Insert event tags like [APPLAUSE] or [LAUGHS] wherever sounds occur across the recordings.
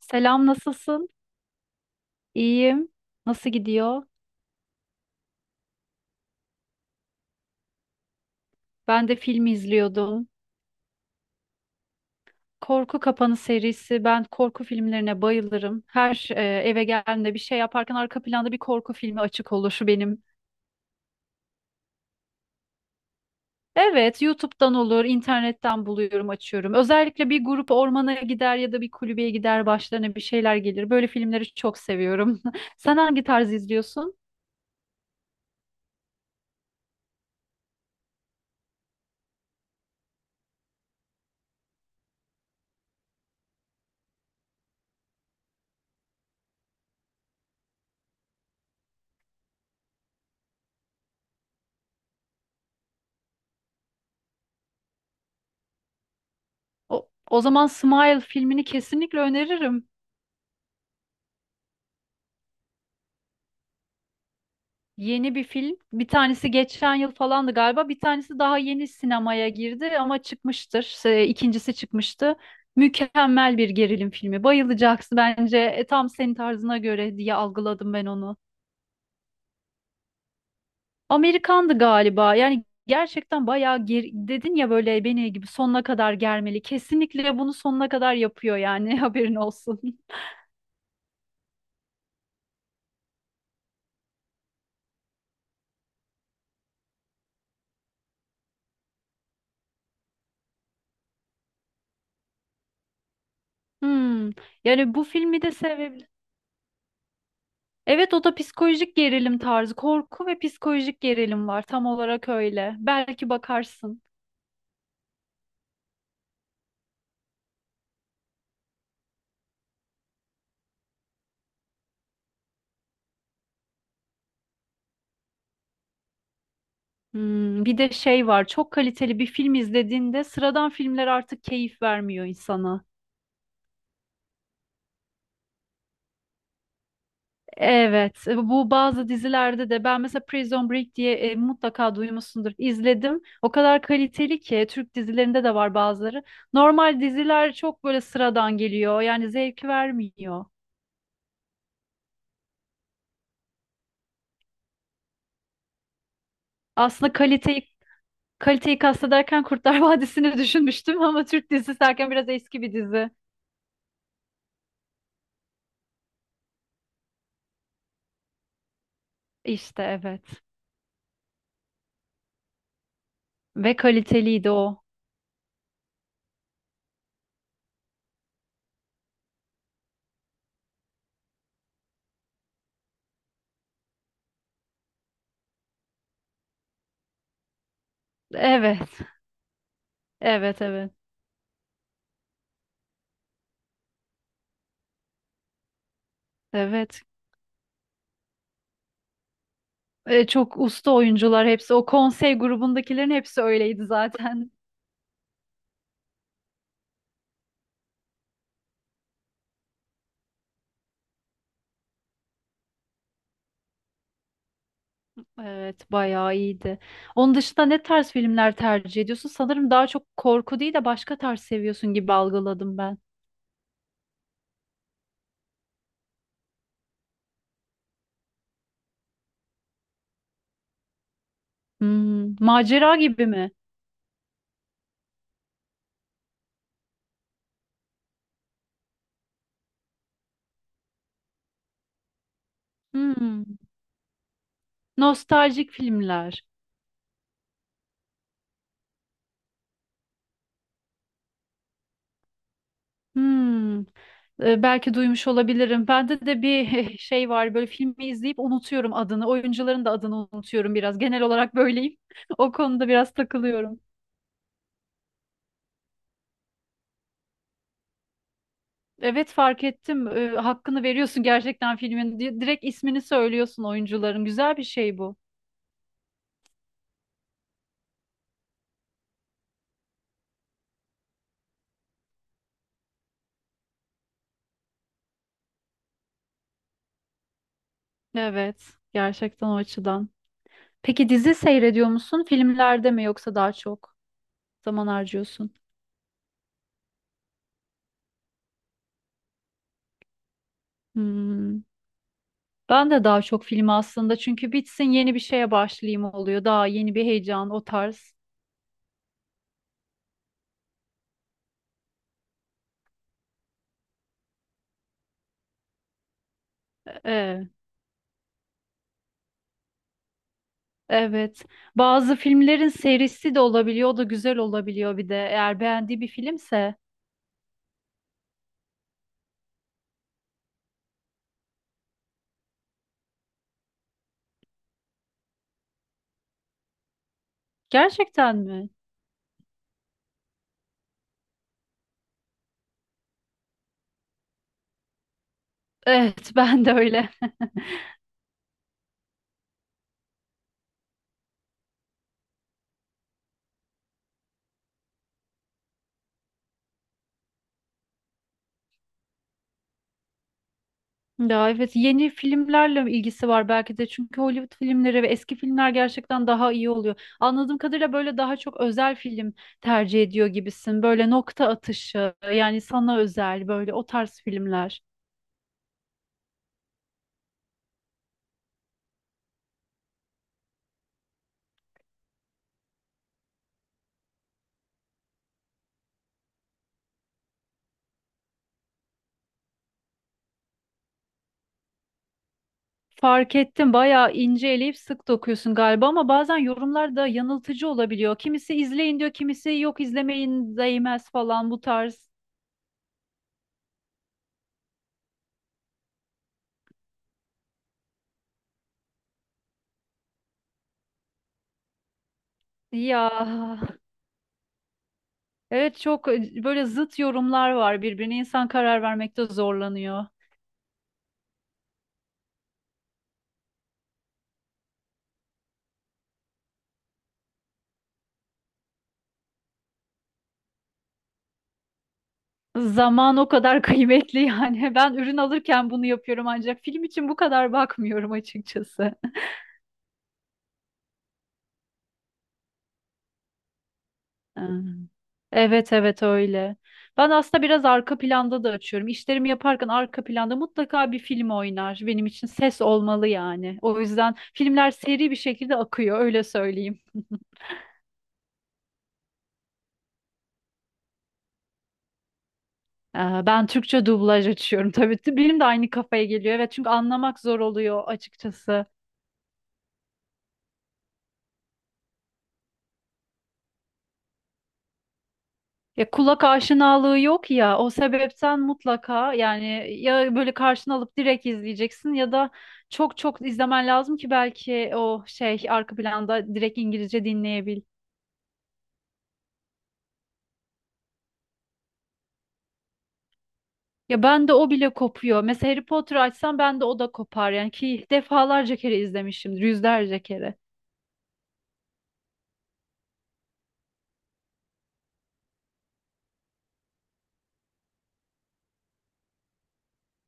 Selam, nasılsın? İyiyim. Nasıl gidiyor? Ben de film izliyordum. Korku Kapanı serisi. Ben korku filmlerine bayılırım. Her eve geldiğimde bir şey yaparken arka planda bir korku filmi açık olur. Şu benim. Evet, YouTube'dan olur, internetten buluyorum, açıyorum. Özellikle bir grup ormana gider ya da bir kulübeye gider, başlarına bir şeyler gelir. Böyle filmleri çok seviyorum. [LAUGHS] Sen hangi tarz izliyorsun? O zaman Smile filmini kesinlikle öneririm. Yeni bir film. Bir tanesi geçen yıl falandı galiba. Bir tanesi daha yeni sinemaya girdi ama çıkmıştır. İkincisi çıkmıştı. Mükemmel bir gerilim filmi. Bayılacaksın bence. Tam senin tarzına göre diye algıladım ben onu. Amerikandı galiba. Yani gerçekten bayağı dedin ya böyle beni gibi sonuna kadar germeli. Kesinlikle bunu sonuna kadar yapıyor yani, [LAUGHS] haberin olsun. [LAUGHS] Hmm. Yani bu filmi de sevebilirim. Evet, o da psikolojik gerilim tarzı. Korku ve psikolojik gerilim var. Tam olarak öyle. Belki bakarsın. Hmm, bir de şey var. Çok kaliteli bir film izlediğinde sıradan filmler artık keyif vermiyor insana. Evet, bu bazı dizilerde de ben mesela Prison Break diye mutlaka duymuşsundur. İzledim. O kadar kaliteli ki, Türk dizilerinde de var bazıları. Normal diziler çok böyle sıradan geliyor. Yani zevk vermiyor. Aslında kaliteyi kastederken Kurtlar [LAUGHS] Vadisi'ni düşünmüştüm ama Türk dizisi derken biraz eski bir dizi. İşte evet. Ve kaliteliydi o. Evet. Evet, evet. Evet. Çok usta oyuncular hepsi. O konsey grubundakilerin hepsi öyleydi zaten. [LAUGHS] Evet, bayağı iyiydi. Onun dışında ne tarz filmler tercih ediyorsun? Sanırım daha çok korku değil de başka tarz seviyorsun gibi algıladım ben. Hmm, macera gibi mi? Hmm, nostaljik filmler. Hmm, belki duymuş olabilirim. Bende de bir [LAUGHS] şey var, böyle filmi izleyip unutuyorum adını. Oyuncuların da adını unutuyorum biraz. Genel olarak böyleyim. [LAUGHS] O konuda biraz takılıyorum. Evet, fark ettim. Hakkını veriyorsun gerçekten filmin. Direkt ismini söylüyorsun oyuncuların. Güzel bir şey bu. Evet, gerçekten o açıdan. Peki dizi seyrediyor musun? Filmlerde mi yoksa daha çok zaman harcıyorsun? Hmm. Ben de daha çok film aslında çünkü bitsin yeni bir şeye başlayayım oluyor. Daha yeni bir heyecan, o tarz. Ee, evet. Bazı filmlerin serisi de olabiliyor. O da güzel olabiliyor bir de. Eğer beğendiği bir filmse. Gerçekten mi? Evet, [LAUGHS] ben de öyle. Ya evet, yeni filmlerle ilgisi var belki de çünkü Hollywood filmleri ve eski filmler gerçekten daha iyi oluyor. Anladığım kadarıyla böyle daha çok özel film tercih ediyor gibisin. Böyle nokta atışı yani, sana özel böyle o tarz filmler. Fark ettim, bayağı ince eleyip sık dokuyorsun galiba ama bazen yorumlar da yanıltıcı olabiliyor. Kimisi izleyin diyor, kimisi yok izlemeyin değmez falan, bu tarz. Ya evet, çok böyle zıt yorumlar var birbirine, insan karar vermekte zorlanıyor. Zaman o kadar kıymetli yani. [LAUGHS] Ben ürün alırken bunu yapıyorum ancak film için bu kadar bakmıyorum açıkçası. Ee, Evet, evet öyle. Ben aslında biraz arka planda da açıyorum. İşlerimi yaparken arka planda mutlaka bir film oynar. Benim için ses olmalı yani. O yüzden filmler seri bir şekilde akıyor, öyle söyleyeyim. Ee, Ben Türkçe dublaj açıyorum tabii. Benim de aynı kafaya geliyor. Evet çünkü anlamak zor oluyor açıkçası. Ya kulak aşinalığı yok ya, o sebepten mutlaka yani ya böyle karşına alıp direkt izleyeceksin ya da çok çok izlemen lazım ki belki o şey arka planda direkt İngilizce dinleyebil. Ya ben de o bile kopuyor. Mesela Harry Potter açsam, ben de o da kopar yani, ki defalarca kere izlemişimdir, yüzlerce kere.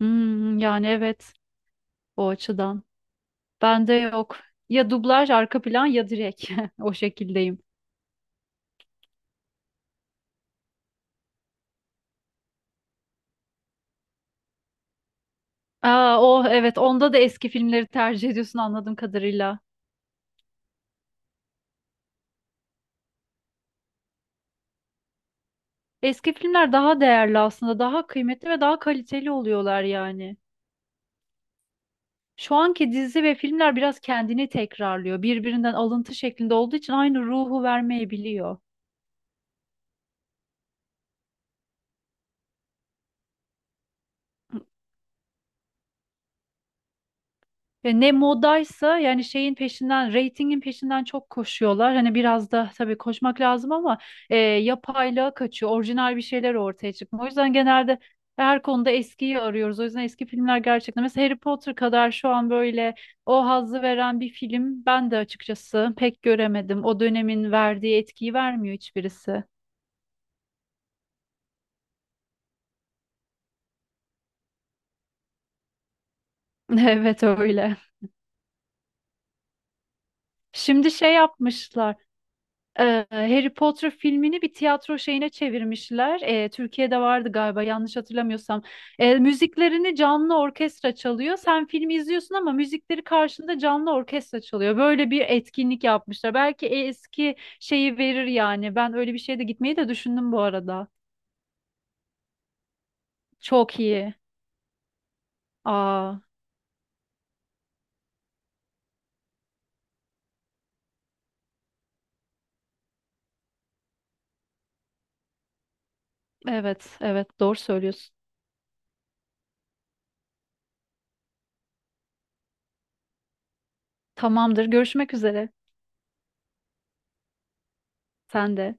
Hmm, yani evet, o açıdan. Bende yok. Ya dublaj arka plan ya direkt, [LAUGHS] o şekildeyim. Aa, o evet, onda da eski filmleri tercih ediyorsun anladığım kadarıyla. Eski filmler daha değerli aslında, daha kıymetli ve daha kaliteli oluyorlar yani. Şu anki dizi ve filmler biraz kendini tekrarlıyor. Birbirinden alıntı şeklinde olduğu için aynı ruhu vermeyebiliyor. Ve ne modaysa yani şeyin peşinden, reytingin peşinden çok koşuyorlar. Hani biraz da tabii koşmak lazım ama yapaylığa kaçıyor. Orijinal bir şeyler ortaya çıkmıyor. O yüzden genelde her konuda eskiyi arıyoruz. O yüzden eski filmler gerçekten. Mesela Harry Potter kadar şu an böyle o hazzı veren bir film ben de açıkçası pek göremedim. O dönemin verdiği etkiyi vermiyor hiçbirisi. [LAUGHS] Evet öyle. Şimdi şey yapmışlar. Harry Potter filmini bir tiyatro şeyine çevirmişler. Türkiye'de vardı galiba, yanlış hatırlamıyorsam. Müziklerini canlı orkestra çalıyor. Sen filmi izliyorsun ama müzikleri karşında canlı orkestra çalıyor. Böyle bir etkinlik yapmışlar. Belki eski şeyi verir yani. Ben öyle bir şeye de gitmeyi de düşündüm bu arada. Çok iyi. Aa, evet, evet, doğru söylüyorsun. Tamamdır. Görüşmek üzere. Sen de.